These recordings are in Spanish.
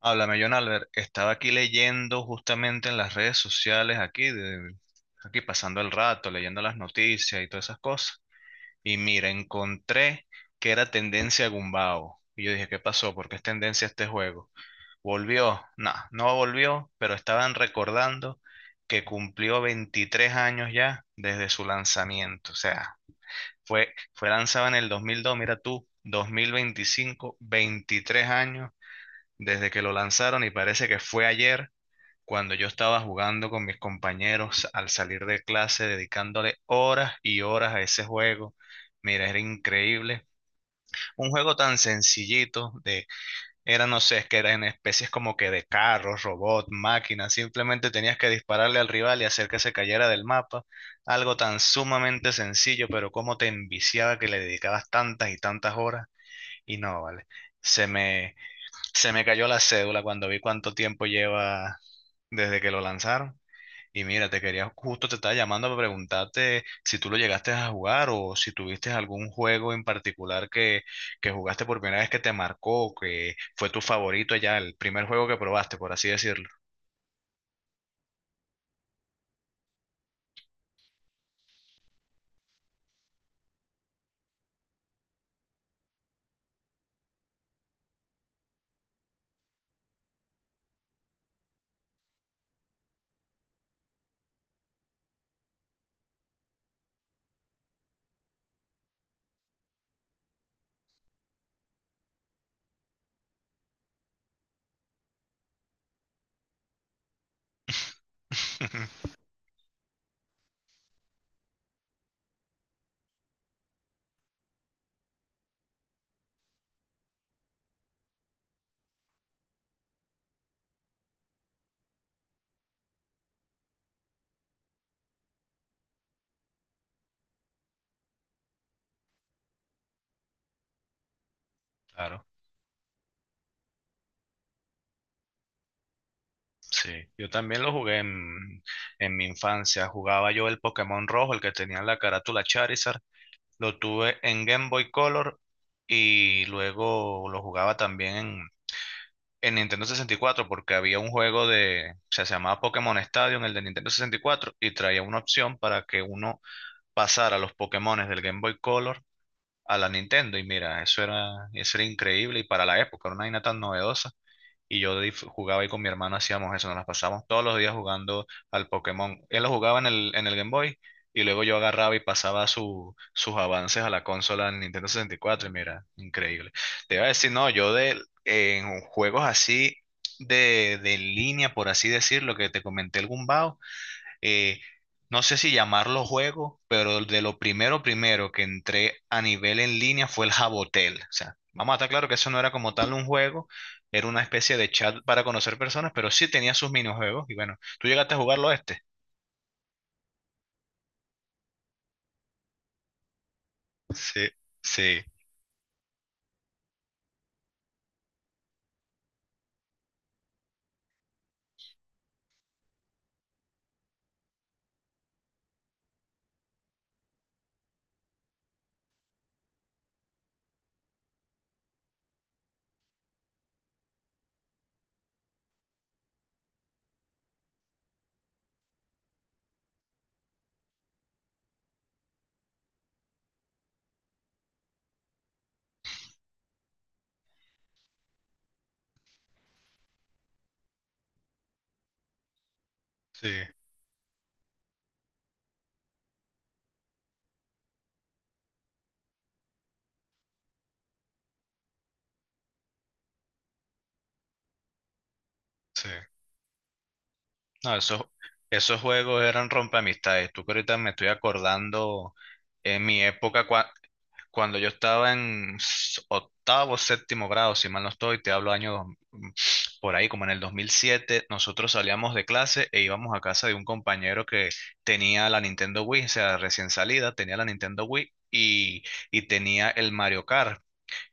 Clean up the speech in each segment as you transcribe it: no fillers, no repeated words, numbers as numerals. Háblame, John Albert. Estaba aquí leyendo justamente en las redes sociales, aquí, aquí pasando el rato, leyendo las noticias y todas esas cosas. Y mira, encontré que era tendencia Gumbao. Y yo dije, ¿qué pasó? ¿Por qué es tendencia este juego? ¿Volvió? No volvió, pero estaban recordando que cumplió 23 años ya desde su lanzamiento. O sea, fue lanzado en el 2002, mira tú, 2025, 23 años desde que lo lanzaron, y parece que fue ayer cuando yo estaba jugando con mis compañeros al salir de clase, dedicándole horas y horas a ese juego. Mira, era increíble. Un juego tan sencillito de, era, no sé, es que eran especies como que de carros, robots, máquinas. Simplemente tenías que dispararle al rival y hacer que se cayera del mapa. Algo tan sumamente sencillo, pero cómo te enviciaba, que le dedicabas tantas y tantas horas. Y no, vale. Se me, se me cayó la cédula cuando vi cuánto tiempo lleva desde que lo lanzaron. Y mira, te quería, justo te estaba llamando, para preguntarte si tú lo llegaste a jugar, o si tuviste algún juego en particular que jugaste por primera vez, que te marcó, que fue tu favorito ya, el primer juego que probaste, por así decirlo. Claro, sí. Yo también lo jugué en mi infancia. Jugaba yo el Pokémon rojo, el que tenía la carátula Charizard. Lo tuve en Game Boy Color y luego lo jugaba también en Nintendo 64, porque había un juego de, o sea, se llamaba Pokémon Stadium, el de Nintendo 64, y traía una opción para que uno pasara los Pokémones del Game Boy Color a la Nintendo. Y mira, eso era increíble, y para la época era una vaina tan novedosa, y yo jugaba ahí con mi hermano, hacíamos eso, nos las pasábamos todos los días jugando al Pokémon. Él lo jugaba en el, Game Boy, y luego yo agarraba y pasaba sus avances a la consola en Nintendo 64 y cuatro, y mira, increíble. Te iba a decir, no, yo de, en juegos así de línea, por así decirlo, que te comenté el Gumbao, eh, no sé si llamarlo juego, pero de lo primero que entré a nivel en línea fue el Jabotel. O sea, vamos a estar claro que eso no era como tal un juego, era una especie de chat para conocer personas, pero sí tenía sus minijuegos. Y bueno, ¿tú llegaste a jugarlo, este? Sí, sí, sí, sí. No, esos juegos eran rompeamistades. Tú, que ahorita me estoy acordando, en mi época cuando yo estaba en octavo, séptimo grado, si mal no estoy, te hablo año mm, por ahí, como en el 2007, nosotros salíamos de clase e íbamos a casa de un compañero que tenía la Nintendo Wii. O sea, recién salida, tenía la Nintendo Wii, y tenía el Mario Kart.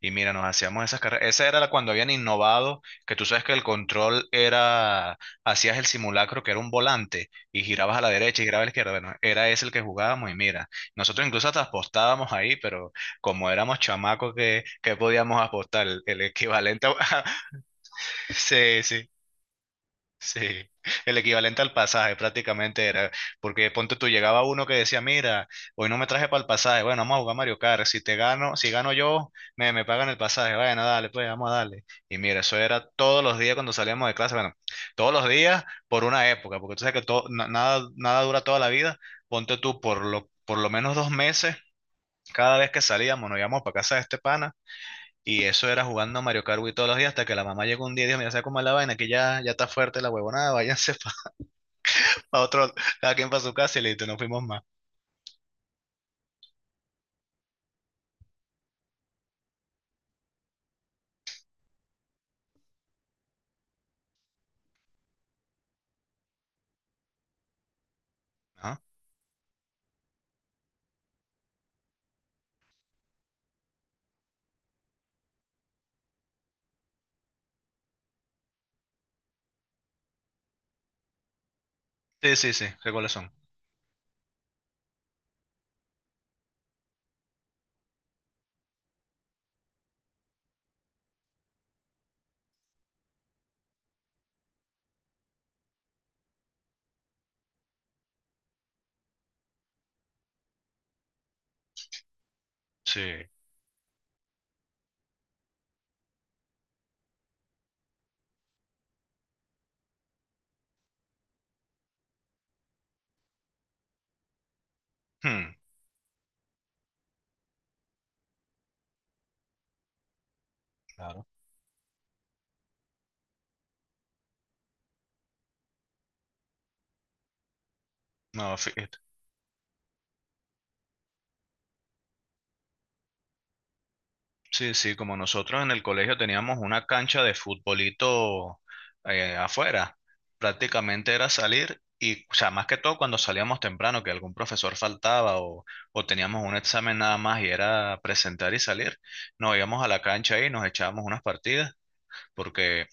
Y mira, nos hacíamos esas carreras. Esa era la, cuando habían innovado, que tú sabes que el control era, hacías el simulacro que era un volante y girabas a la derecha y girabas a la izquierda. Bueno, era ese el que jugábamos, y mira, nosotros incluso hasta apostábamos ahí, pero como éramos chamacos que podíamos apostar, el equivalente a... Sí, sí. Sí, el equivalente al pasaje, prácticamente era, porque ponte tú, llegaba uno que decía, mira, hoy no me traje para el pasaje, bueno, vamos a jugar Mario Kart, si te gano, si gano yo, me pagan el pasaje, bueno, dale, pues vamos a darle. Y mira, eso era todos los días cuando salíamos de clase, bueno, todos los días por una época, porque tú sabes que todo, nada dura toda la vida, ponte tú, por lo menos 2 meses, cada vez que salíamos, nos íbamos para casa de este pana. Y eso era jugando Mario Kart Wii todos los días, hasta que la mamá llegó un día y dijo, mira, ¿sabes cómo es la vaina? Que ya está fuerte la huevonada, váyanse para otro, cada quien para su casa, y listo, no fuimos más. Ajá. Sí, sí, sí, sé cuáles son. Sí. Hmm, claro. No, fíjate. Sí, sí, como nosotros en el colegio teníamos una cancha de futbolito afuera, prácticamente era salir y, o sea, más que todo cuando salíamos temprano, que algún profesor faltaba o teníamos un examen nada más y era presentar y salir, nos íbamos a la cancha ahí y nos echábamos unas partidas, porque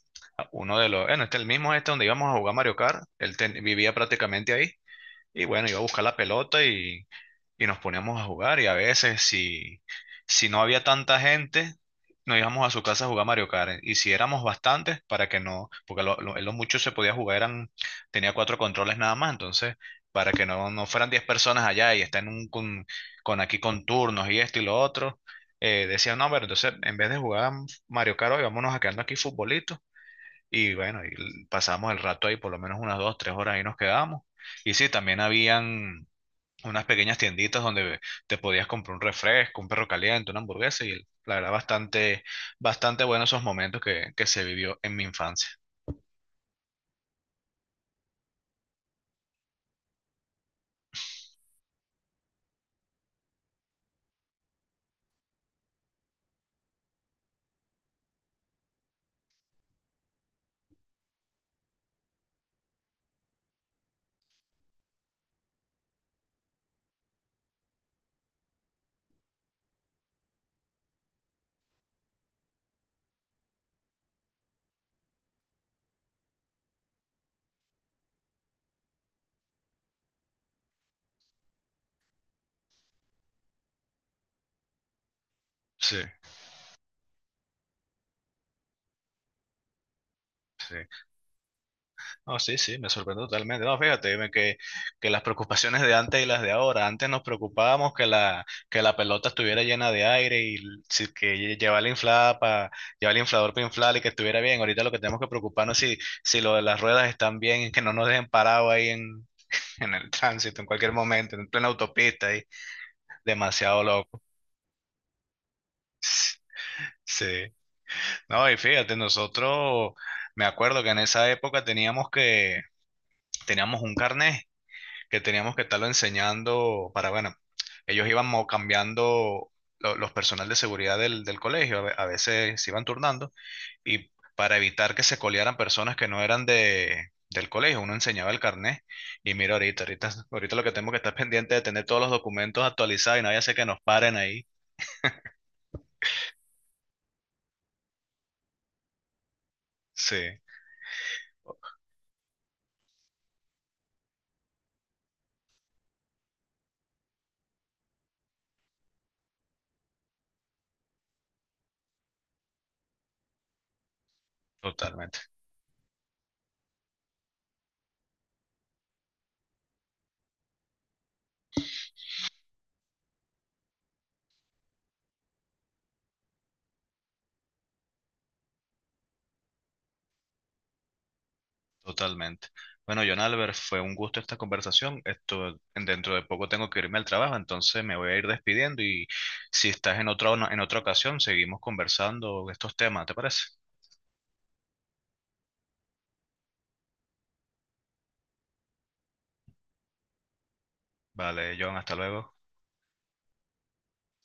uno de los, bueno, este, el mismo, este donde íbamos a jugar Mario Kart, él vivía prácticamente ahí. Y bueno, iba a buscar la pelota, y nos poníamos a jugar. Y a veces, si no había tanta gente, nos íbamos a su casa a jugar Mario Kart. Y si éramos bastantes, para que no, porque lo mucho se podía jugar, eran, tenía cuatro controles nada más. Entonces, para que no fueran 10 personas allá y estén con, aquí con turnos y esto y lo otro, decían, no, pero entonces, en vez de jugar Mario Kart, hoy vámonos a quedarnos aquí futbolito, y bueno, y pasamos el rato ahí, por lo menos unas 2, 3 horas ahí nos quedamos. Y sí, también habían unas pequeñas tienditas donde te podías comprar un refresco, un perro caliente, una hamburguesa, y la verdad, bastante, bastante bueno esos momentos que se vivió en mi infancia. Sí, sí. No, sí, sí, me sorprende totalmente. No, fíjate, dime que las preocupaciones de antes y las de ahora. Antes nos preocupábamos que la pelota estuviera llena de aire, y llevarla inflada, para llevar el inflador para inflar y que estuviera bien. Ahorita lo que tenemos que preocuparnos es si lo de las ruedas están bien, y que no nos dejen parado ahí en, en el tránsito, en cualquier momento, en plena autopista, ahí. Demasiado loco. Sí. No, y fíjate, nosotros, me acuerdo que en esa época teníamos teníamos un carnet que teníamos que estarlo enseñando para, bueno, ellos iban cambiando los personal de seguridad del colegio. A a veces se iban turnando, y para evitar que se colearan personas que no eran del colegio, uno enseñaba el carnet, y mira, ahorita, ahorita, lo que tenemos que estar pendiente de tener todos los documentos actualizados y nadie hace que nos paren ahí. Sí, totalmente. Totalmente. Bueno, John Albert, fue un gusto esta conversación. Esto, dentro de poco tengo que irme al trabajo, entonces me voy a ir despidiendo, y si estás en otra, ocasión, seguimos conversando estos temas, ¿te parece? Vale, John, hasta luego.